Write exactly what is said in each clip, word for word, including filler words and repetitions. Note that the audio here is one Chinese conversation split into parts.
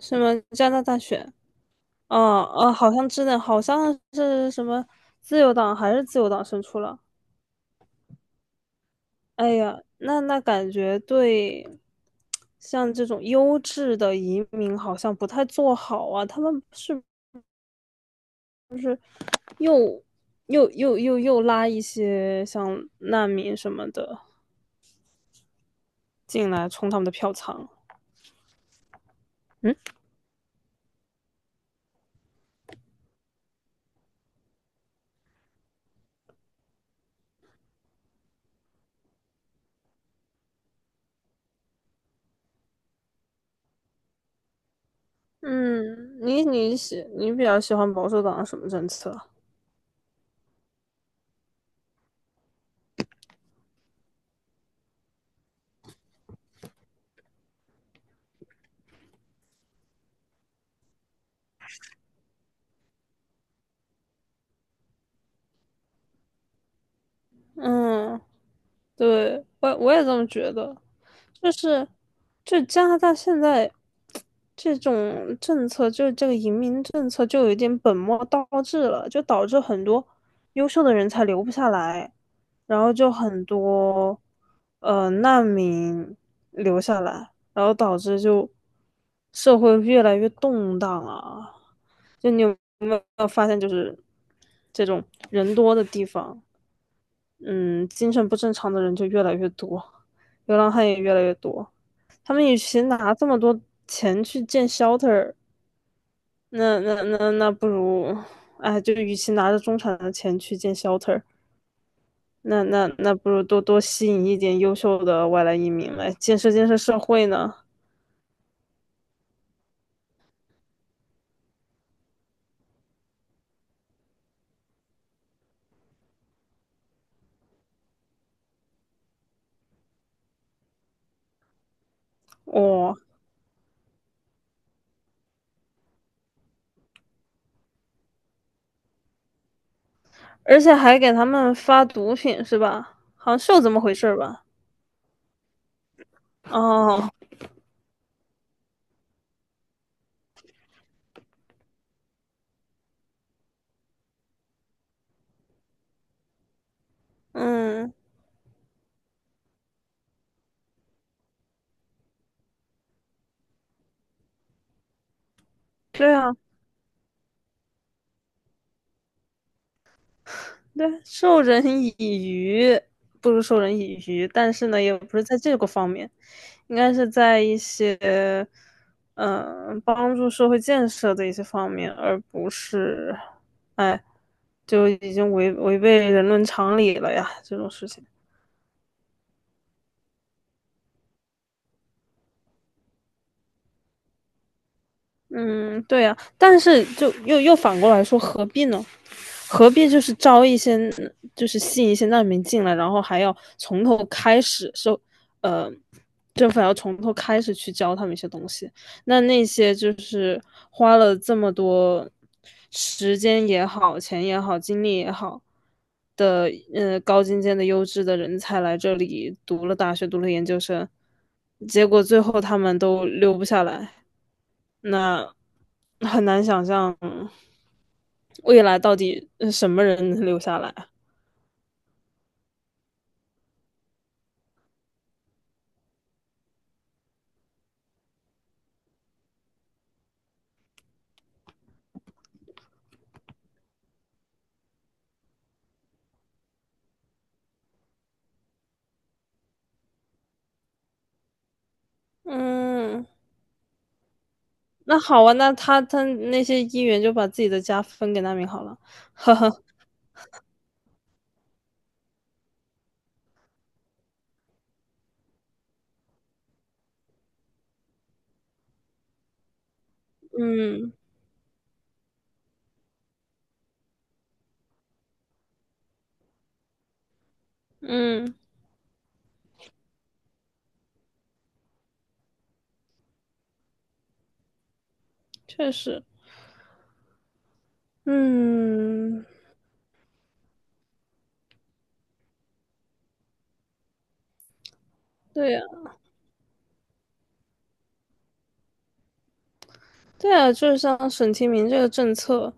什么加拿大选？哦哦，好像真的，好像是什么自由党还是自由党胜出了。哎呀，那那感觉对，像这种优质的移民好像不太做好啊。他们是又又又又又拉一些像难民什么的进来充他们的票仓。嗯嗯，你你喜你比较喜欢保守党的什么政策？嗯，对，我我也这么觉得。就是就加拿大现在这种政策，就是这个移民政策，就有点本末倒置了，就导致很多优秀的人才留不下来，然后就很多呃难民留下来，然后导致就社会越来越动荡啊。就你有没有发现，就是这种人多的地方，嗯，精神不正常的人就越来越多，流浪汉也越来越多。他们与其拿这么多钱去建 shelter，那那那那不如，哎，就与其拿着中产的钱去建 shelter，那那那不如多多吸引一点优秀的外来移民来建设建设社会呢。哦，而且还给他们发毒品是吧？好像是有这么回事儿吧？哦，嗯，对啊。对，授人以鱼不如授人以渔，但是呢，也不是在这个方面，应该是在一些，嗯、帮助社会建设的一些方面，而不是，哎，就已经违违背人伦常理了呀，这种事情。嗯，对呀，但是就又又反过来说，何必呢？何必就是招一些，就是吸引一些难民进来，然后还要从头开始受，呃，政府要从头开始去教他们一些东西。那那些就是花了这么多时间也好、钱也好、精力也好的，呃，高精尖的优质的人才来这里读了大学、读了研究生，结果最后他们都留不下来，那很难想象未来到底呃什么人能留下来。嗯，那好啊，那他他那些议员就把自己的家分给难民好了，呵呵，嗯嗯，确实，嗯，对呀。对啊，就是像省提名这个政策，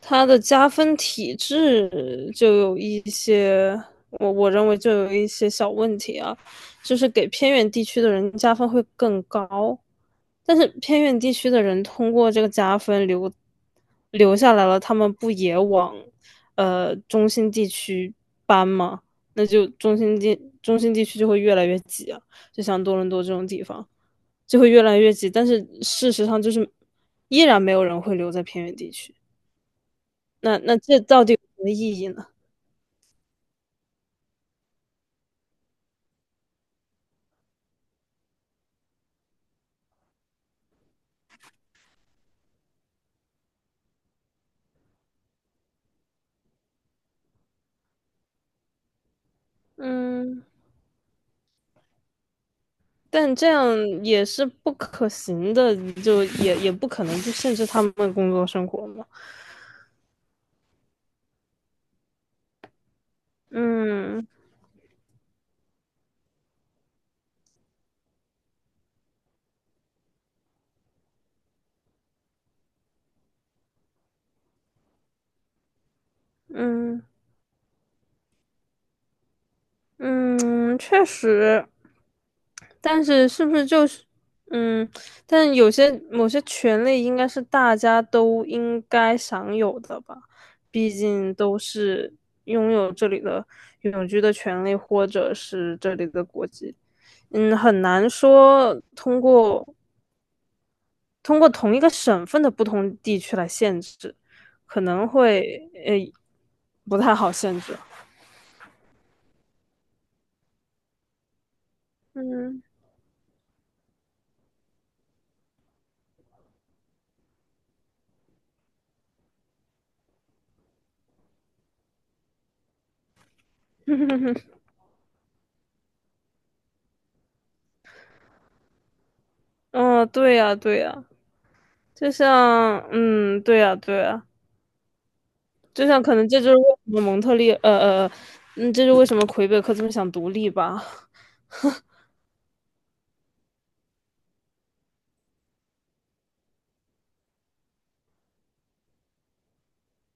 它的加分体制就有一些，我我认为就有一些小问题啊，就是给偏远地区的人加分会更高，但是偏远地区的人通过这个加分留留下来了，他们不也往呃中心地区搬吗？那就中心地中心地区就会越来越挤啊，就像多伦多这种地方。就会越来越挤。但是事实上，就是依然没有人会留在偏远地区。那那这到底有什么意义呢？嗯，但这样也是不可行的，就也也不可能去限制他们的工作生活嘛。嗯嗯，嗯，确实，但是是不是就是，嗯，但有些某些权利应该是大家都应该享有的吧？毕竟都是拥有这里的永居的权利，或者是这里的国籍。嗯，很难说通过通过同一个省份的不同地区来限制，可能会呃不太好限制。嗯，哦，对呀，对呀。就像，嗯，对呀，对呀，就像可能这就是为什么蒙特利，呃呃，嗯，这就是为什么魁北克这么想独立吧，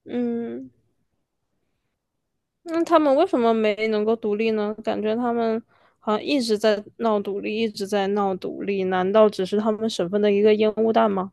嗯，那他们为什么没能够独立呢？感觉他们好像一直在闹独立，一直在闹独立，难道只是他们省份的一个烟雾弹吗？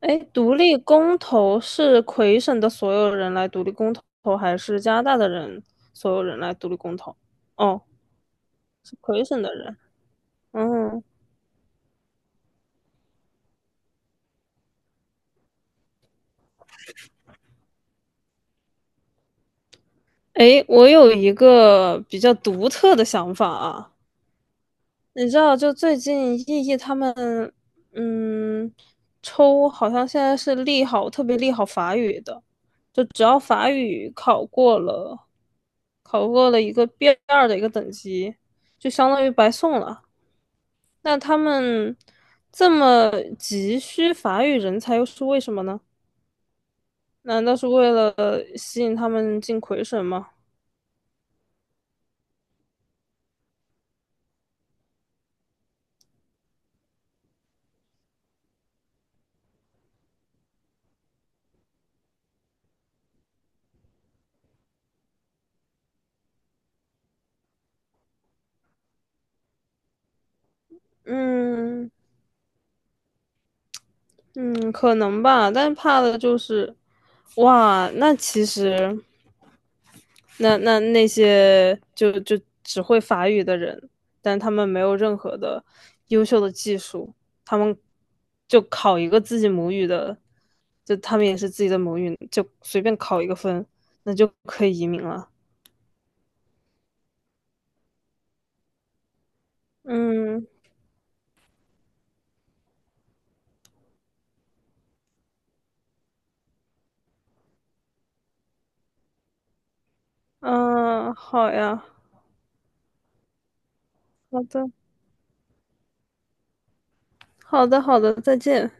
哎，独立公投是魁省的所有人来独立公投，还是加拿大的人所有人来独立公投？哦，是魁省的人，嗯。诶，我有一个比较独特的想法啊，你知道，就最近艺艺他们，嗯，抽好像现在是利好，特别利好法语的，就只要法语考过了，考过了一个 b 二的一个等级，就相当于白送了。那他们这么急需法语人才，又是为什么呢？难道是为了吸引他们进魁省吗？嗯，嗯，可能吧，但怕的就是，哇，那其实，那那那些就就只会法语的人，但他们没有任何的优秀的技术，他们就考一个自己母语的，就他们也是自己的母语，就随便考一个分，那就可以移民了。嗯嗯，好呀，好的，好的，好的，再见。